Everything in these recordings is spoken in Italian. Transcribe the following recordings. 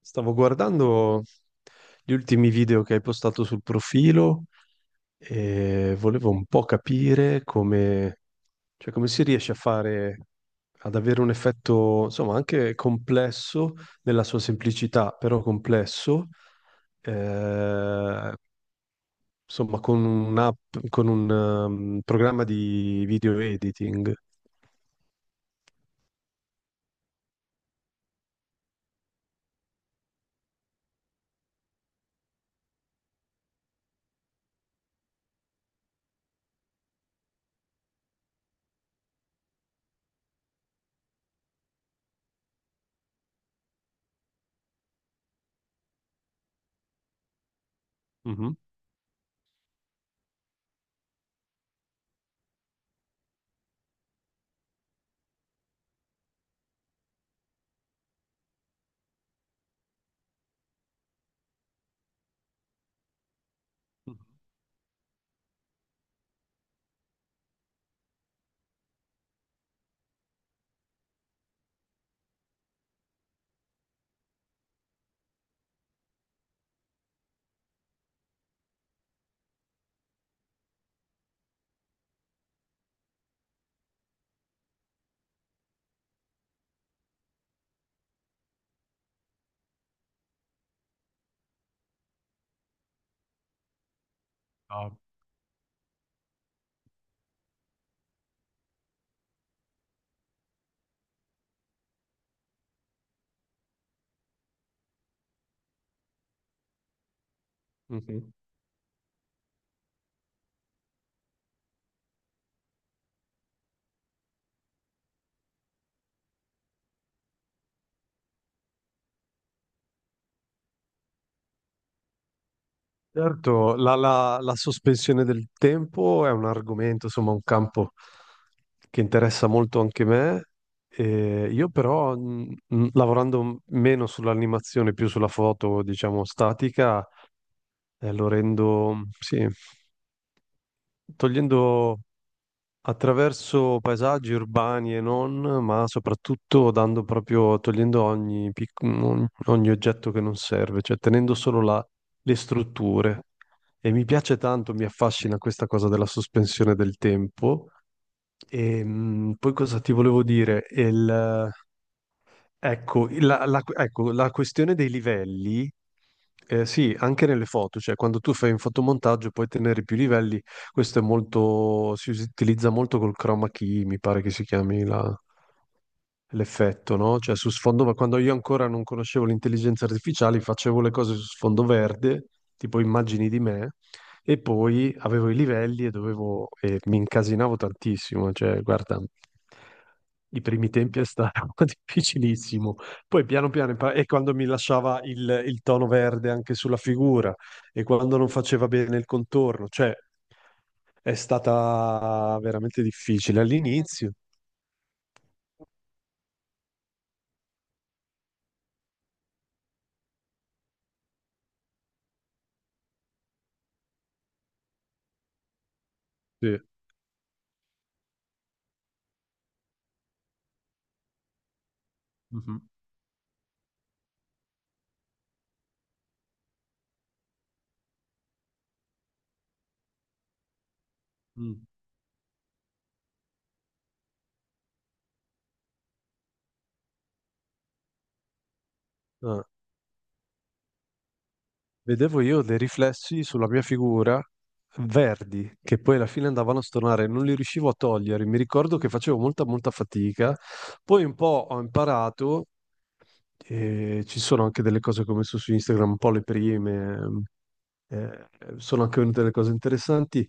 Stavo guardando gli ultimi video che hai postato sul profilo e volevo un po' capire come, cioè come si riesce a fare, ad avere un effetto, insomma, anche complesso nella sua semplicità, però complesso, eh, insomma, con un'app, con un programma di video editing. Mhm. Ah. Mhm. Certo, la sospensione del tempo è un argomento, insomma, un campo che interessa molto anche me. E io però, lavorando meno sull'animazione, più sulla foto, diciamo, statica, lo rendo, sì, togliendo attraverso paesaggi urbani e non, ma soprattutto dando proprio, togliendo ogni, ogni oggetto che non serve, cioè tenendo solo le strutture. E mi piace tanto, mi affascina questa cosa della sospensione del tempo. E poi cosa ti volevo dire? Ecco ecco, la questione dei livelli, sì, anche nelle foto, cioè quando tu fai un fotomontaggio puoi tenere più livelli, questo è molto, si utilizza molto col chroma key, mi pare che si chiami la, l'effetto, no? Cioè su sfondo, ma quando io ancora non conoscevo l'intelligenza artificiale, facevo le cose su sfondo verde, tipo immagini di me, e poi avevo i livelli e dovevo, e mi incasinavo tantissimo, cioè guarda, i primi tempi è stato difficilissimo, poi piano piano, e quando mi lasciava il tono verde anche sulla figura, e quando non faceva bene il contorno, cioè è stata veramente difficile all'inizio. Sì. Mhm. Mm. Ah. Vedevo io dei riflessi sulla mia figura verdi che poi alla fine andavano a stornare, non li riuscivo a togliere. Mi ricordo che facevo molta, molta fatica. Poi un po' ho imparato, e ci sono anche delle cose che ho messo su Instagram, un po' le prime, eh, sono anche venute delle cose interessanti,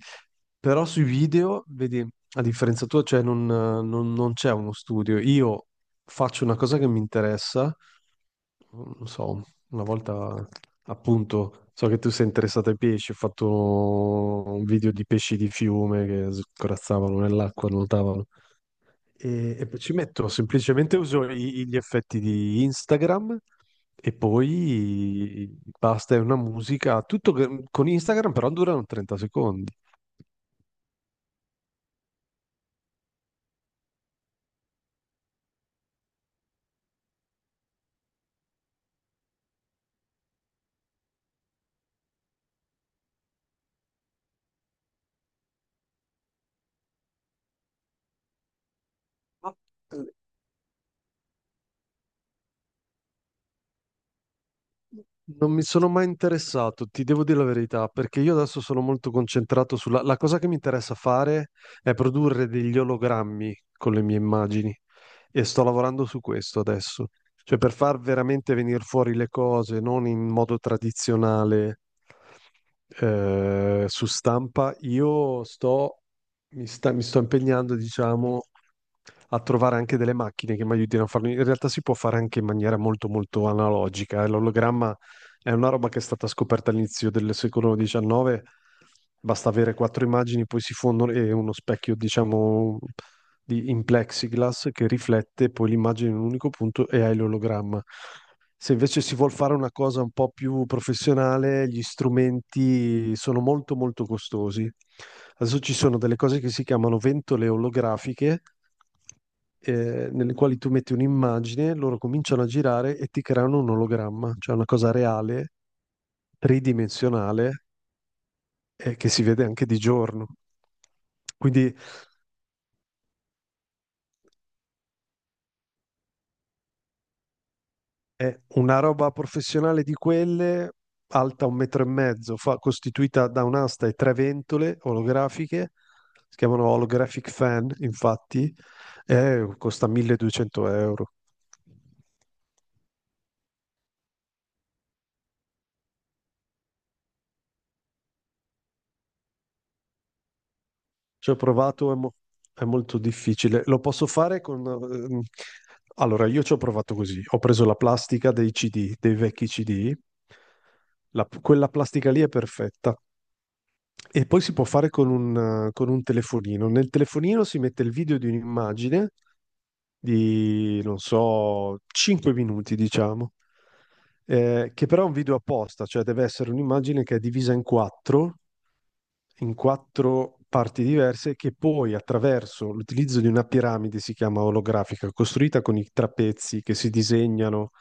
però sui video, vedi, a differenza tua, cioè non c'è uno studio. Io faccio una cosa che mi interessa non so, una volta appunto, so che tu sei interessato ai pesci, ho fatto un video di pesci di fiume che scorazzavano nell'acqua, nuotavano. E poi ci metto semplicemente uso gli effetti di Instagram e poi basta, è una musica, con Instagram però durano 30 secondi. Non mi sono mai interessato, ti devo dire la verità, perché io adesso sono molto concentrato sulla... La cosa che mi interessa fare è produrre degli ologrammi con le mie immagini e sto lavorando su questo adesso. Cioè per far veramente venire fuori le cose, non in modo tradizionale su stampa, io sto, mi sto impegnando, diciamo, a trovare anche delle macchine che mi aiutino a farlo. In realtà si può fare anche in maniera molto molto analogica, eh. L'ologramma è una roba che è stata scoperta all'inizio del secolo XIX, basta avere quattro immagini, poi si fondono e uno specchio, diciamo, in plexiglass che riflette poi l'immagine in un unico punto e hai l'ologramma. Se invece si vuol fare una cosa un po' più professionale, gli strumenti sono molto molto costosi. Adesso ci sono delle cose che si chiamano ventole olografiche, nelle quali tu metti un'immagine, loro cominciano a girare e ti creano un ologramma, cioè una cosa reale, tridimensionale, che si vede anche di giorno. Quindi è una roba professionale di quelle, alta un metro e mezzo, costituita da un'asta e tre ventole olografiche, si chiamano holographic fan, infatti, e costa 1200 euro. Ci ho provato, è molto difficile. Lo posso fare con... Allora, io ci ho provato così. Ho preso la plastica dei CD, dei vecchi CD. Quella plastica lì è perfetta. E poi si può fare con un telefonino. Nel telefonino si mette il video di un'immagine di, non so, 5 minuti, diciamo, che però è un video apposta, cioè deve essere un'immagine che è divisa in quattro parti diverse che poi attraverso l'utilizzo di una piramide, si chiama olografica, costruita con i trapezzi che si disegnano,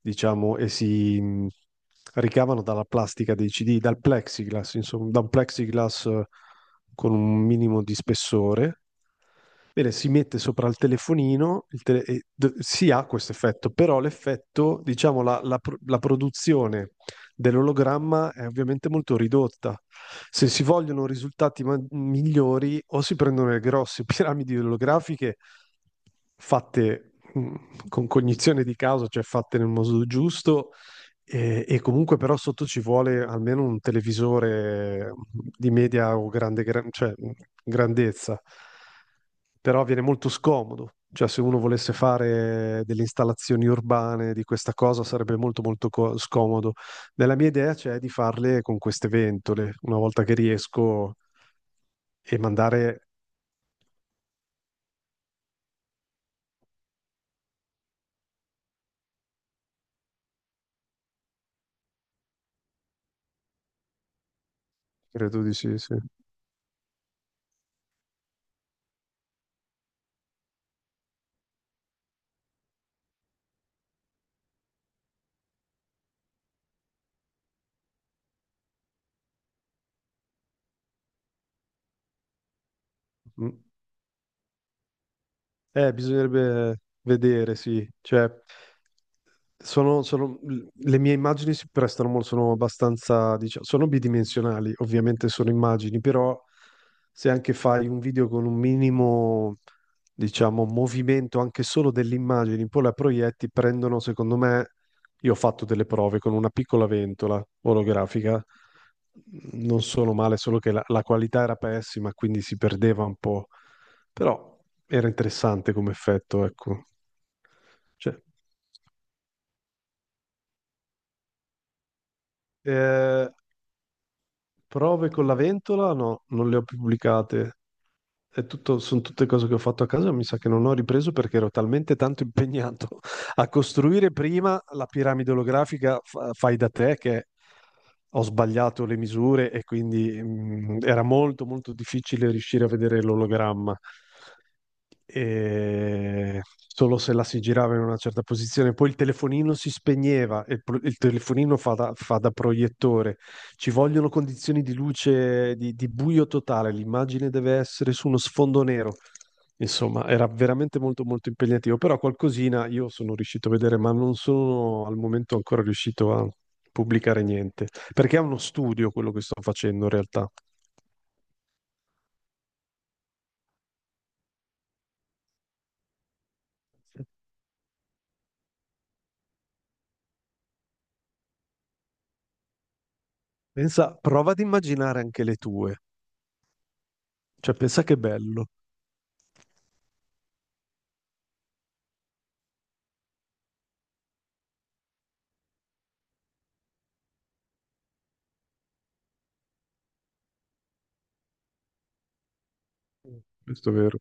diciamo, e si ricavano dalla plastica dei CD, dal plexiglass, insomma, da un plexiglass con un minimo di spessore. Bene, si mette sopra il telefonino, il tele- e d- si ha questo effetto, però l'effetto, diciamo, la produzione dell'ologramma è ovviamente molto ridotta. Se si vogliono risultati migliori, o si prendono le grosse piramidi olografiche fatte con cognizione di causa, cioè fatte nel modo giusto, e comunque però sotto ci vuole almeno un televisore di media o grande, grandezza, però viene molto scomodo. Cioè, se uno volesse fare delle installazioni urbane di questa cosa sarebbe molto molto scomodo. Nella mia idea c'è di farle con queste ventole, una volta che riesco e mandare, credo di sì, sì. Mm. Bisognerebbe vedere, sì. Cioè, sono, sono- le mie immagini si prestano molto, sono abbastanza, diciamo, sono bidimensionali, ovviamente sono immagini, però se anche fai un video con un minimo, diciamo, movimento anche solo delle immagini, poi la proietti, prendono, secondo me, io ho fatto delle prove con una piccola ventola olografica, non sono male, solo che la qualità era pessima, quindi si perdeva un po'. Però era interessante come effetto, ecco. Cioè, eh, prove con la ventola? No, non le ho più pubblicate. Sono tutte cose che ho fatto a casa, mi sa che non ho ripreso perché ero talmente tanto impegnato a costruire prima la piramide olografica fai da te che ho sbagliato le misure e quindi era molto molto difficile riuscire a vedere l'ologramma. E solo se la si girava in una certa posizione, poi il telefonino si spegneva e il telefonino fa da proiettore. Ci vogliono condizioni di luce, di buio totale, l'immagine deve essere su uno sfondo nero. Insomma, era veramente molto molto impegnativo, però qualcosina io sono riuscito a vedere, ma non sono al momento ancora riuscito a pubblicare niente, perché è uno studio quello che sto facendo in realtà. Pensa, prova ad immaginare anche le tue, cioè pensa che bello. Questo è vero.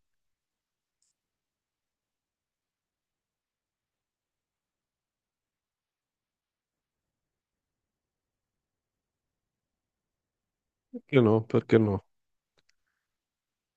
Perché no? Perché no?